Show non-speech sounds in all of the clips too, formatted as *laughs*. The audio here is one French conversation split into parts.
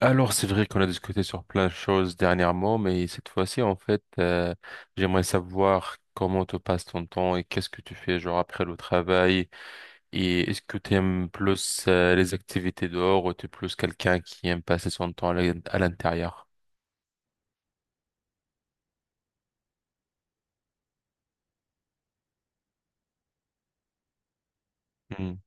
Alors, c'est vrai qu'on a discuté sur plein de choses dernièrement, mais cette fois-ci, en fait, j'aimerais savoir comment te passe ton temps et qu'est-ce que tu fais, genre, après le travail. Et est-ce que tu aimes plus, les activités dehors ou tu es plus quelqu'un qui aime passer son temps à l'intérieur? Mhm,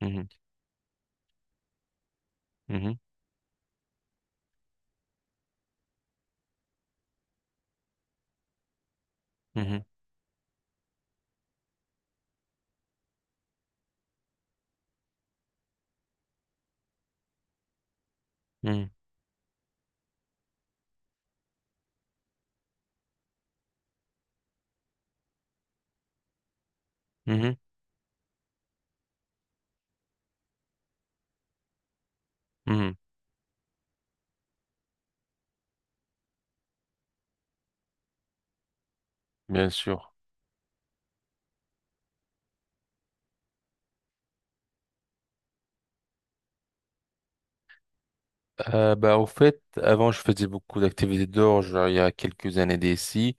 mhm, mhm, mhm, mhm, mhm, mhm. Bien sûr. Bah, au fait, avant, je faisais beaucoup d'activités dehors, genre, il y a quelques années d'ici.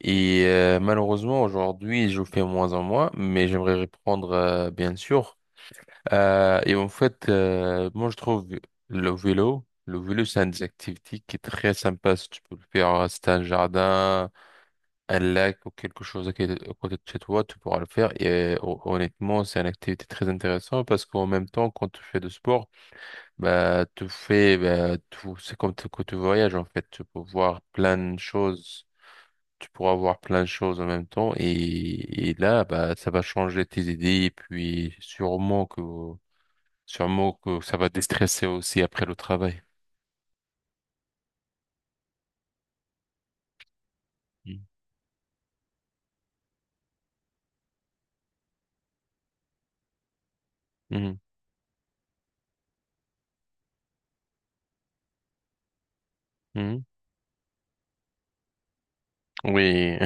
Et malheureusement, aujourd'hui, je fais moins en moins, mais j'aimerais reprendre, bien sûr. Et en fait, moi, je trouve le vélo, c'est une des activités qui est très sympa. Si tu peux le faire, si t'as un jardin, un lac ou quelque chose à côté de chez toi, tu pourras le faire. Et honnêtement, c'est une activité très intéressante parce qu'en même temps, quand tu fais du sport, bah, tu fais, bah, tout, c'est comme que tu voyages, en fait. Tu peux voir plein de choses, tu pourras voir plein de choses en même temps et là bah ça va changer tes idées et puis sûrement que ça va déstresser aussi après le travail. Mm. Mhm. Mhm. Oui,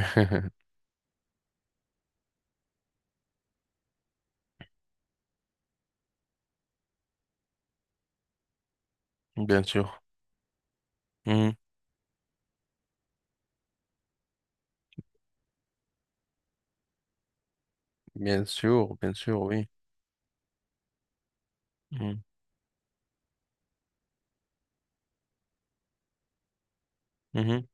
*laughs* bien sûr. Mhm. Bien sûr, oui. Mhm. Mhm.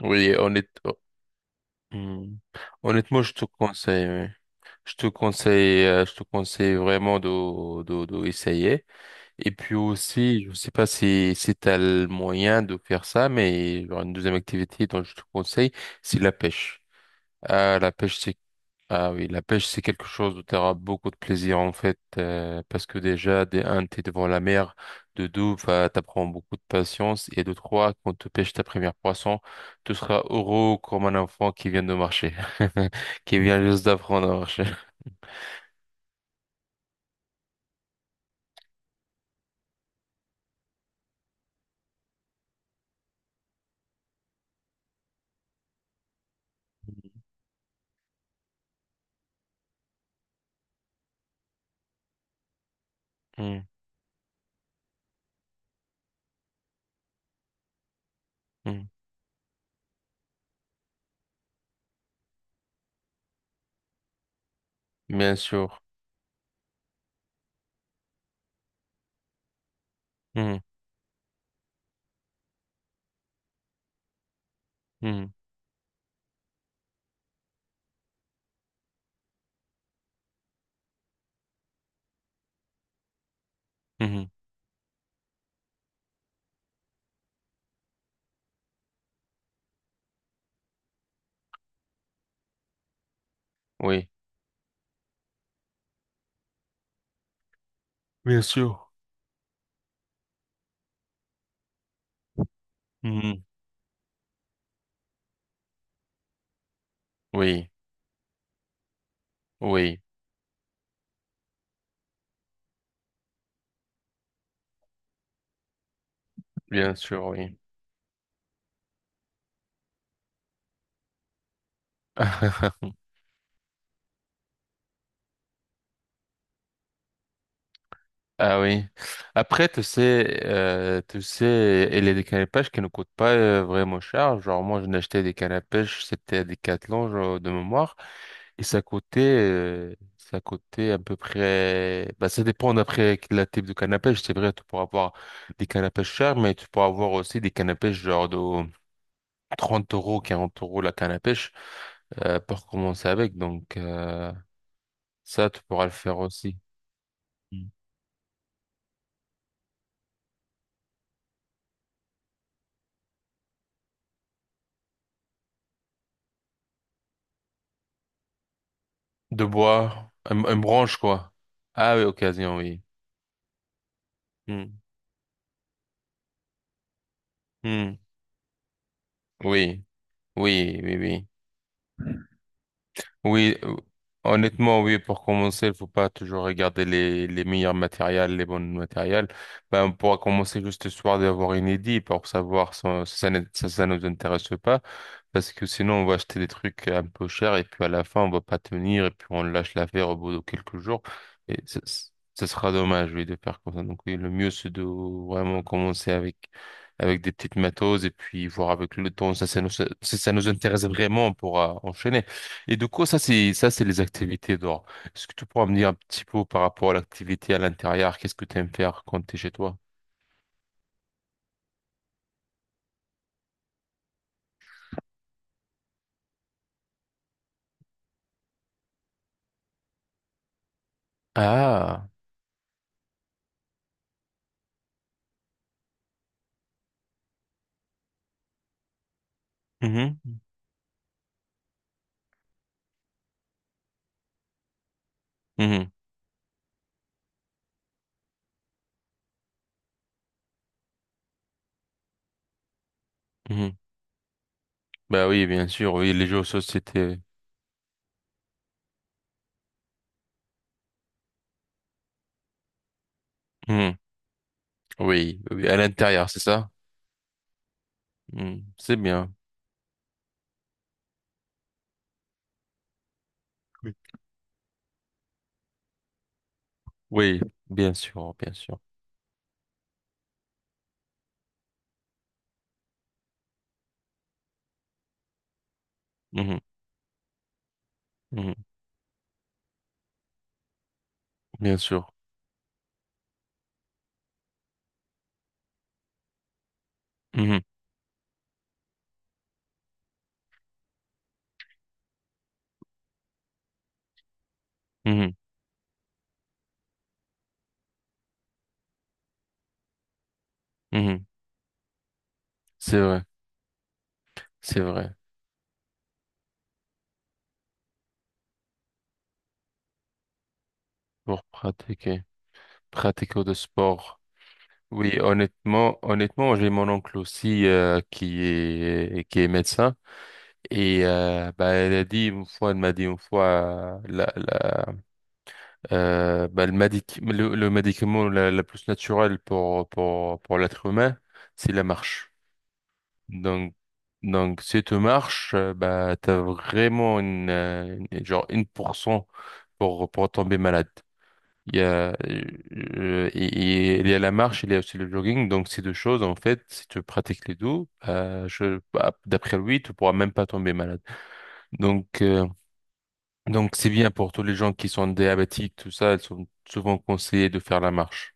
Oui, honnête... oh, mhm. Honnêtement, je te conseille, oui. Je te conseille vraiment de essayer. Et puis aussi, je sais pas si, si tu as le moyen de faire ça, mais genre une deuxième activité dont je te conseille, c'est la pêche. Ah, la pêche, c'est ah oui, la pêche, c'est quelque chose où tu auras beaucoup de plaisir en fait, parce que déjà, de un, t'es devant la mer, de deux, bah, t'apprends beaucoup de patience, et de trois, quand tu pêches ta première poisson, tu seras heureux comme un enfant qui vient de marcher, *laughs* qui vient juste d'apprendre à marcher. *laughs* Mm, mm, mm. Bien sûr. Mm, mm, mhm. Oui. Bien sûr. Mhm. Oui, oui, bien sûr, oui. *laughs* Ah oui. Après, tu sais, il y a des cannes à pêche qui ne coûtent pas vraiment cher. Genre, moi, je acheté des cannes à pêche, c'était à Decathlon, genre, de mémoire. Et ça coûtait à peu près, bah, ça dépend d'après quel type de canne à pêche. C'est vrai, tu pourras avoir des cannes à pêche chères, mais tu pourras avoir aussi des cannes à pêche genre de 30 euros, 40 euros la canne à pêche, pour commencer avec. Donc, ça, tu pourras le faire aussi. Mm. De bois, un branche, quoi. Ah oui, occasion, oui. Mm. Mm. Oui, oui, oui, oui. Oui, honnêtement, oui, pour commencer, il faut pas toujours regarder les meilleurs matériels, les bons matériels. Ben, on pourra commencer juste ce soir d'avoir une idée pour savoir si ça, si ça nous intéresse ou pas. Parce que sinon, on va acheter des trucs un peu chers et puis à la fin, on va pas tenir et puis on lâche l'affaire au bout de quelques jours. Et ce ce- Ce sera dommage, oui, de faire comme ça. Donc, oui, le mieux, c'est de vraiment commencer avec, avec des petites matos et puis voir avec le temps. Si ça nous intéresse vraiment, on pourra enchaîner. Et du coup, ça, c'est les activités dehors. Est-ce que tu pourras me dire un petit peu par rapport à l'activité à l'intérieur? Qu'est-ce que tu aimes faire quand tu es chez toi? Ah. Mhm, mhm, mhm. Bah oui, bien sûr, oui, les jeux de société. Mhm. Oui, oui, à l'intérieur, c'est ça? Mhm, c'est bien. Oui. Oui, bien sûr, bien sûr. Mhm, mhm, bien sûr. Mhm, mhm, mhm. C'est vrai, c'est vrai. Pour pratiquer, pratiquer de sport. Oui, honnêtement, honnêtement, j'ai mon oncle aussi qui est médecin et bah elle a dit une fois, elle m'a dit une fois la la bah, le médicament la plus naturelle pour l'être humain, c'est la marche. Donc donc si tu marches, bah t'as vraiment une genre 1% pour tomber malade. Il y a, euh, et- et il y a la marche, il y a aussi le jogging. Donc, ces deux choses, en fait, si tu pratiques les deux, bah, d'après lui, tu pourras même pas tomber malade. Donc, euh, donc c'est bien pour tous les gens qui sont diabétiques, tout ça, ils sont souvent conseillés de faire la marche.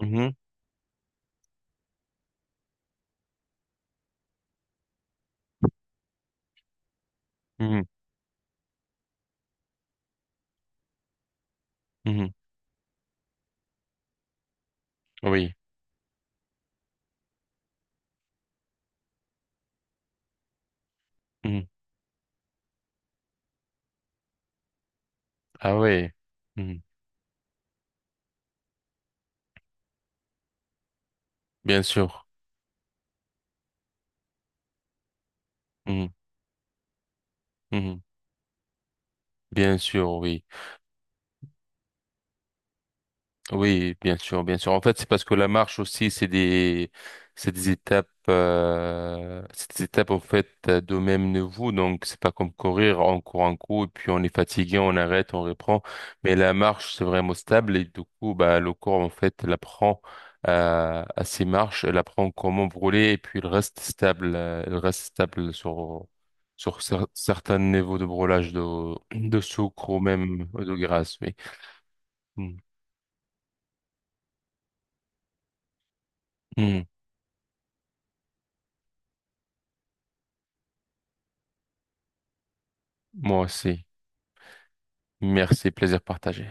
Mhm, mhm, mhm. Oui. Mhm. Ah ouais. Mhm. Bien sûr. Mhm, mhm. Bien sûr, oui. Oui, bien sûr, bien sûr. En fait, c'est parce que la marche aussi, c'est des étapes en fait de même niveau. Donc, c'est pas comme courir, on court un coup et puis on est fatigué, on arrête, on reprend. Mais la marche, c'est vraiment stable et du coup, bah, le corps en fait, il apprend à ses marches, il apprend comment brûler et puis il reste stable sur certains niveaux de brûlage de sucre ou même de graisse. Oui. Mm. Mm. Moi aussi. Merci, plaisir partagé.